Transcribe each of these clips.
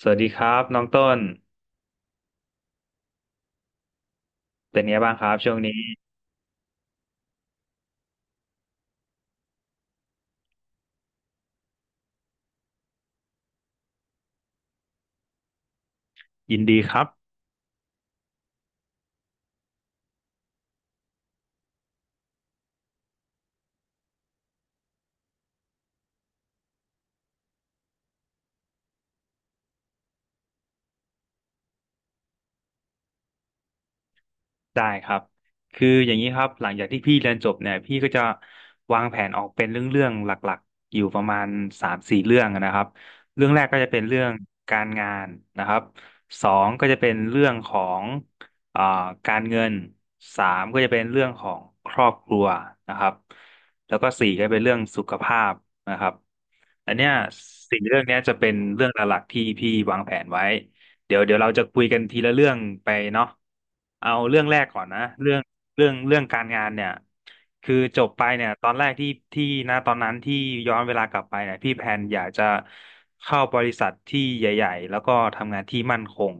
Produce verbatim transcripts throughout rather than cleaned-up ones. สวัสดีครับน้องต้นเป็นไงบ้างครับช่วงนี้ยินดีครับ ได้ครับคืออย่างนี้ครับหลังจากที่พี่เรียนจบเนี่ยพี่ก็จะวางแผนออกเป็นเรื่องๆหลักๆอยู่ประมาณสามสี่เรื่องนะครับเรื่องแรกก็จะเป็นเรื่องการงานนะครับสองก็จะเป็นเรื่องของอ่าการเงินสามก็จะเป็นเรื่องของครอบครัวนะครับแล้วก็สี่ก็เป็นเรื่องสุขภาพนะครับอันเนี้ยสี่เรื่องเนี้ยจะเป็นเรื่องหลักๆที่พี่วางแผนไว้ เดี๋ยวเดี๋ยวเราจะคุยกันทีละเรื่องไปเนาะเอาเรื่องแรกก่อนนะเรื่องเรื่องเรื่องการงานเนี่ย คือจบไปเนี่ยตอนแรกที่ที่นะตอนนั้นที่ย้อนเวลากลับไปเนี่ยพี่แพนอยากจะเข้าบริษัทที่ใหญ่ๆแล้วก็ทำงานที่มั่นคง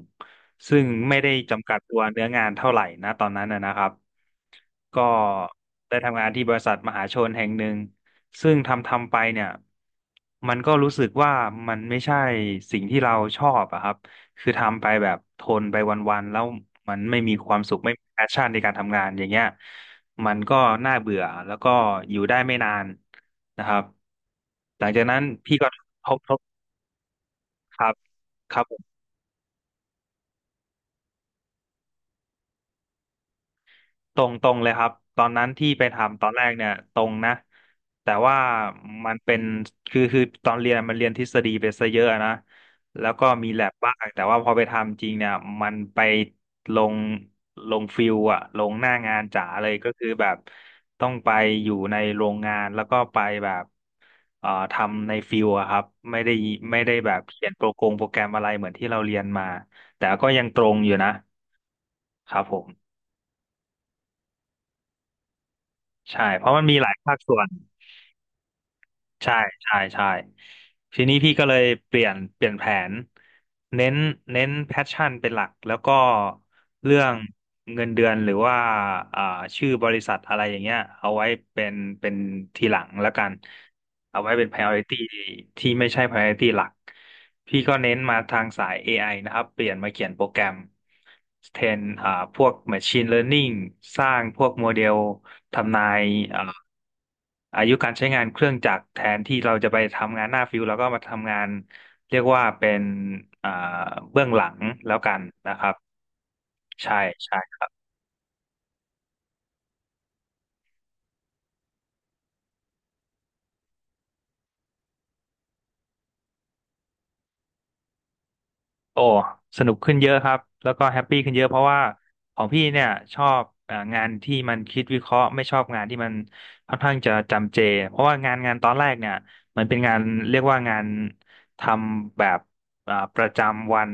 ซึ่งไม่ได้จำกัดตัวเนื้องานเท่าไหร่นะตอนนั้นนะนะครับก็ได้ทำงานที่บริษัทมหาชนแห่งหนึ่งซึ่งทำทำไปเนี่ยมันก็รู้สึกว่ามันไม่ใช่สิ่งที่เราชอบอะครับ คือทำไปแบบทนไปวันๆแล้วมันไม่มีความสุขไม่มีแพชชั่นในการทำงานอย่างเงี้ยมันก็น่าเบื่อแล้วก็อยู่ได้ไม่นานนะครับหลังจากนั้นพี่ก็ทบทบครับครับ ตรงตรงเลยครับตอนนั้นที่ไปทำตอนแรกเนี่ยตรงนะแต่ว่ามันเป็นคือคือตอนเรียนมันเรียนทฤษฎีไปซะเยอะนะแล้วก็มีแลบบ้างแต่ว่าพอไปทำจริงเนี่ยมันไปลงลงฟิลอะลงหน้างานจ๋าเลยก็คือแบบต้องไปอยู่ในโรงงานแล้วก็ไปแบบเอ่อทำในฟิลอะครับไม่ได้ไม่ได้แบบเขียนโปรโกงโปรแกรมอะไรเหมือนที่เราเรียนมาแต่ก็ยังตรงอยู่นะครับผมใช่เพราะมันมีหลายภาคส่วน ใช่ใช่ใช่ทีนี้พี่ก็เลยเปลี่ยนเปลี่ยนแผนเน้นเน้นแพชชั่นเป็นหลักแล้วก็เรื่องเงินเดือนหรือว่าอ่าชื่อบริษัทอะไรอย่างเงี้ยเอาไว้เป็นเป็นทีหลังแล้วกัน เอาไว้เป็น priority ที่ไม่ใช่ priority หลัก พี่ก็เน้นมาทางสาย เอ ไอ นะครับ เปลี่ยนมาเขียนโปรแกรมแทนอ่าพวก machine learning สร้างพวกโมเดล ทำนายอ่าอายุการใช้งานเครื่องจักรแทนที่เราจะไปทำงานหน้าฟิวแล้วก็มาทำงานเรียกว่าเป็นอ่าเบื้องหลังแล้วกันนะครับ ใช่ ใช่ โอ้สนุกขึ้นเยอะครับแล้วก็แฮปปี้ขึ้นเยอะเพราะว่าของพี่เนี่ยชอบเอ่องานที่มันคิดวิเคราะห์ไม่ชอบงานที่มันค่อนข้างจะจำเจเพราะว่างานงานตอนแรกเนี่ยมันเป็นงานเรียกว่างานทำแบบอ่าประจำวัน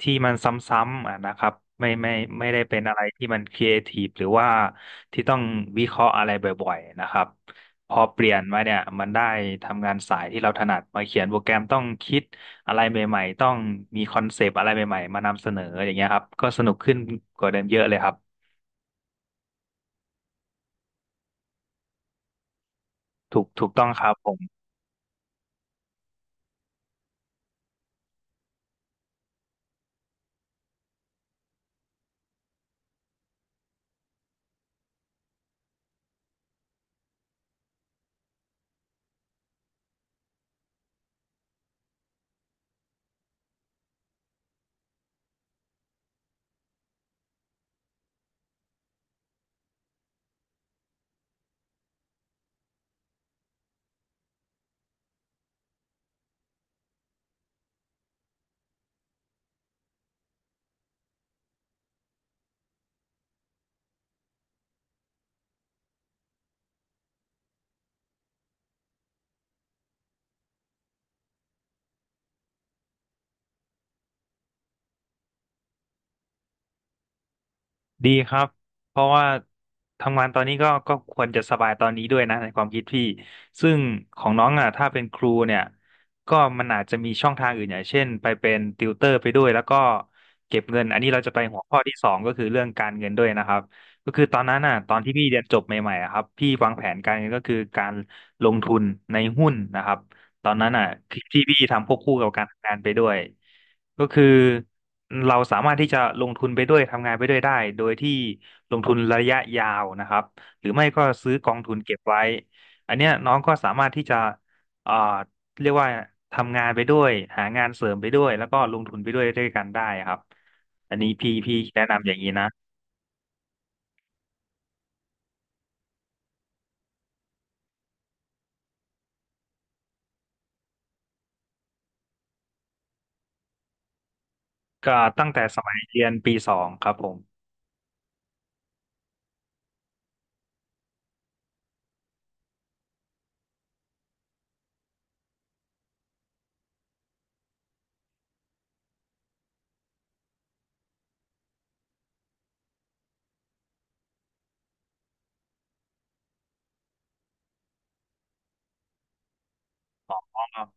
ที่มันซ้ำๆอ่ะนะครับไม่ไม่ไม่ได้เป็นอะไรที่มันครีเอทีฟหรือว่าที่ต้องวิเคราะห์อะไรบ่อยๆนะครับพอเปลี่ยนมาเนี่ยมันได้ทำงานสายที่เราถนัดมาเขียนโปรแกรมต้องคิด อะไรใหม่ๆต้องมีคอนเซปต์อะไรใหม่ๆมานำเสนออย่างเงี้ยครับ ก็สนุกขึ้นกว่าเดิมเยอะเลยครับ ถูกถูกต้องครับผม ดีครับเพราะว่าทำงานตอนนี้ก็ก็ควรจะสบายตอนนี้ด้วยนะในความคิดพี่ ซึ่งของน้องอ่ะถ้าเป็นครูเนี่ยก็มันอาจจะมีช่องทางอื่นอย่างเช่นไปเป็นติวเตอร์ไปด้วยแล้วก็เก็บเงินอันนี้เราจะไปหัวข้อที่สองก็คือเรื่องการเงินด้วยนะครับก็คือตอนนั้นอ่ะตอนที่พี่เรียนจบใหม่ๆอะครับพี่วางแผนการเงินก็คือการลงทุนในหุ้นนะครับตอนนั้นอ่ะที่ที่พี่ทำควบคู่กับการทำงานไปด้วย ก็คือเราสามารถที่จะลงทุนไปด้วยทำงานไปด้วยได้โดยที่ลงทุนระยะยาวนะครับหรือไม่ก็ซื้อกองทุนเก็บไว้อันเนี้ยน้องก็สามารถที่จะเอ่อเรียกว่าทำงานไปด้วยหางานเสริมไปด้วยแล้วก็ลงทุนไปด้วยด้วยกันได้ครับอันนี้พี่พี่แนะนำอย่างนี้นะก็ตั้งแต่สมัยเรียนปีสองครับผม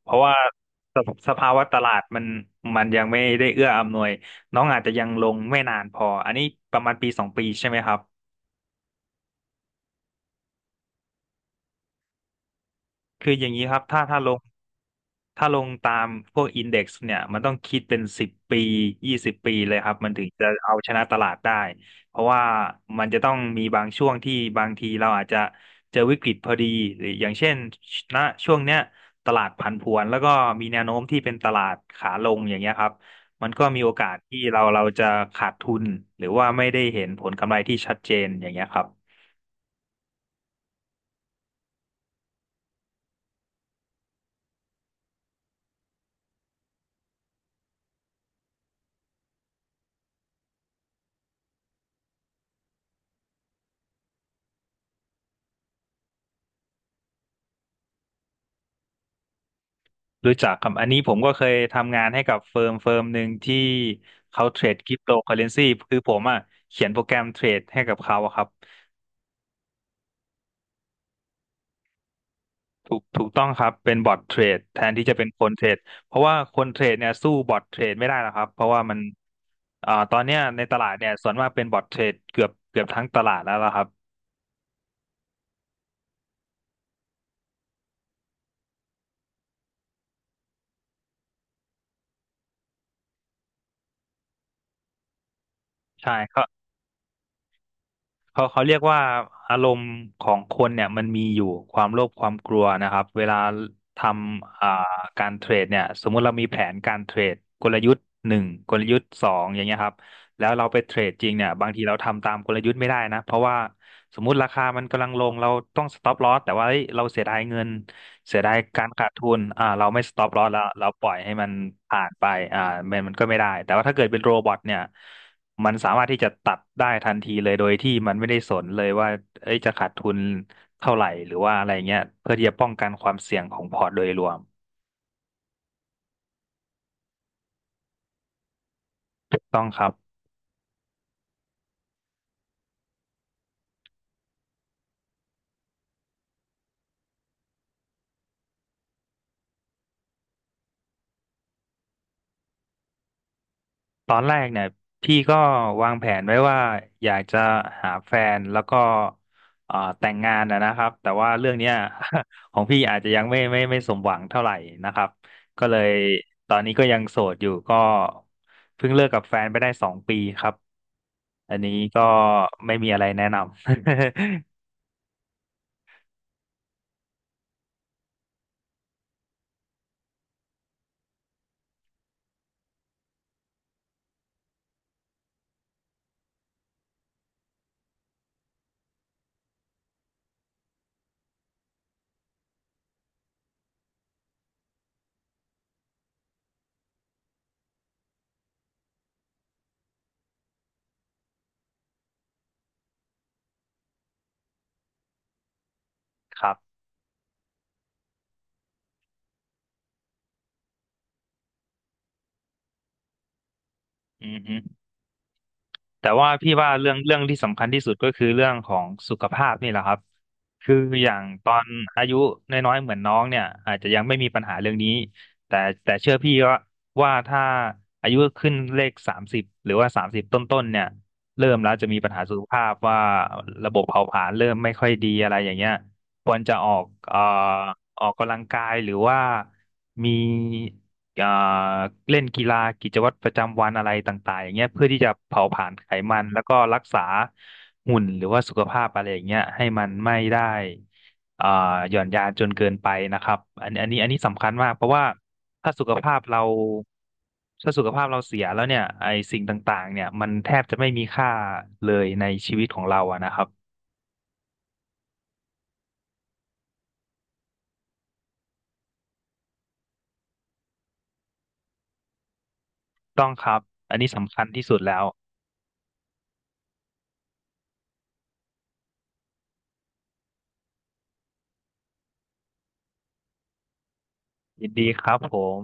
เพราะว่าสภสภาวะตลาดมันมันยังไม่ได้เอื้ออำนวยน้องอาจจะยังลงไม่นานพออันนี้ประมาณปีสองปีใช่ไหมครับ คืออย่างนี้ครับถ้าถ้าลงถ้าลงตามพวกอินเด็กซ์เนี่ยมันต้องคิดเป็นสิบปียี่สิบปีเลยครับมันถึงจะเอาชนะตลาดได้เพราะว่ามันจะต้องมีบางช่วงที่บางทีเราอาจจะเจอวิกฤตพอดีหรืออย่างเช่นณช่วงเนี้ยตลาดผันผวนแล้วก็มีแนวโน้มที่เป็นตลาดขาลงอย่างเงี้ยครับมันก็มีโอกาสที่เราเราจะขาดทุนหรือว่าไม่ได้เห็นผลกำไรที่ชัดเจนอย่างเงี้ยครับ รู้จักครับอันนี้ผมก็เคยทำงานให้กับเฟิร์มเฟิร์มหนึ่งที่เขาเทรดคริปโตเคอเรนซีคือผมอ่ะเขียนโปรแกรมเทรดให้กับเขาอะครับถูกถูกต้องครับเป็นบอทเทรดแทนที่จะเป็นคนเทรดเพราะว่าคนเทรดเนี่ยสู้บอทเทรดไม่ได้หรอกครับเพราะว่ามันอ่าตอนเนี้ยในตลาดเนี่ยส่วนมากเป็นบอทเทรดเกือบเกือบทั้งตลาดแล้วล่ะครับใช่เขา เขาเขาเรียกว่าอารมณ์ของคนเนี่ยมันมีอยู่ความโลภความกลัวนะครับเวลาทำอ่าการเทรดเนี่ยสมมุติเรามีแผนการเทรดกลยุทธ์หนึ่งกลยุทธ์สองอย่างเงี้ยครับแล้วเราไปเทรดจริงเนี่ยบางทีเราทำตามกลยุทธ์ไม่ได้นะเพราะว่าสมมุติราคามันกำลังลงเราต้องสต็อปลอสแต่ว่าเฮ้ยเราเสียดายเงินเสียดายการขาดทุนอ่าเราไม่สต็อปลอสแล้วเราปล่อยให้มันผ่านไปอ่ามันมันก็ไม่ได้แต่ว่าถ้าเกิดเป็นโรบอทเนี่ย มันสามารถที่จะตัดได้ทันทีเลยโดยที่มันไม่ได้สนเลยว่าเอ้ยจะขาดทุนเท่าไหร่หรือว่าอะไรเงี้ยเพื่อที่จะป้องกันความเสี่ยงของพอร์ตโดยรวมถูกต้องครับ ตอนแรกเนี่ยพี่ก็วางแผนไว้ว่าอยากจะหาแฟนแล้วก็เอ่อแต่งงานนะนะครับแต่ว่าเรื่องเนี้ย ของพี่อาจจะยังไม่ไม่ไม่สมหวังเท่าไหร่นะครับก็เลยตอนนี้ก็ยังโสดอยู่ก็เพิ่งเลิกกับแฟนไปได้สองปีครับอันนี้ก็ไม่มีอะไรแนะนำ ครับอืมฮึ แต่ว่าพี่ว่าเรื่องเรื่องที่สำคัญที่สุดก็คือเรื่องของสุขภาพนี่แหละครับคืออย่างตอนอายุน้อยๆเหมือนน้องเนี่ยอาจจะยังไม่มีปัญหาเรื่องนี้แต่แต่เชื่อพี่ว่าว่าถ้าอายุขึ้นเลขสามสิบหรือว่าสามสิบต้นๆเนี่ยเริ่มแล้วจะมีปัญหาสุขภาพว่าระบบเผาผลาญเริ่มไม่ค่อยดีอะไรอย่างเงี้ยควรจะออกเอ่อออกกำลังกายหรือว่ามี อ่าเล่นกีฬากิจวัตรประจำวันอะไรต่างๆอย่างเงี้ยเพื่อที่จะเผาผลาญไขมันแล้วก็รักษาหุ่นหรือว่าสุขภาพอะไรอย่างเงี้ยให้มันไม่ได้อ่าหย่อนยานจนเกินไปนะครับอันอันนี้อันนี้สำคัญมากเพราะว่าถ้าสุขภาพเราถ้าสุขภาพเราเสียแล้วเนี่ยไอสิ่งต่างๆเนี่ยมันแทบจะไม่มีค่าเลยในชีวิตของเราอะนะครับต้องครับอันนี้สำคัญที่สุดแล้วยินดีครับผม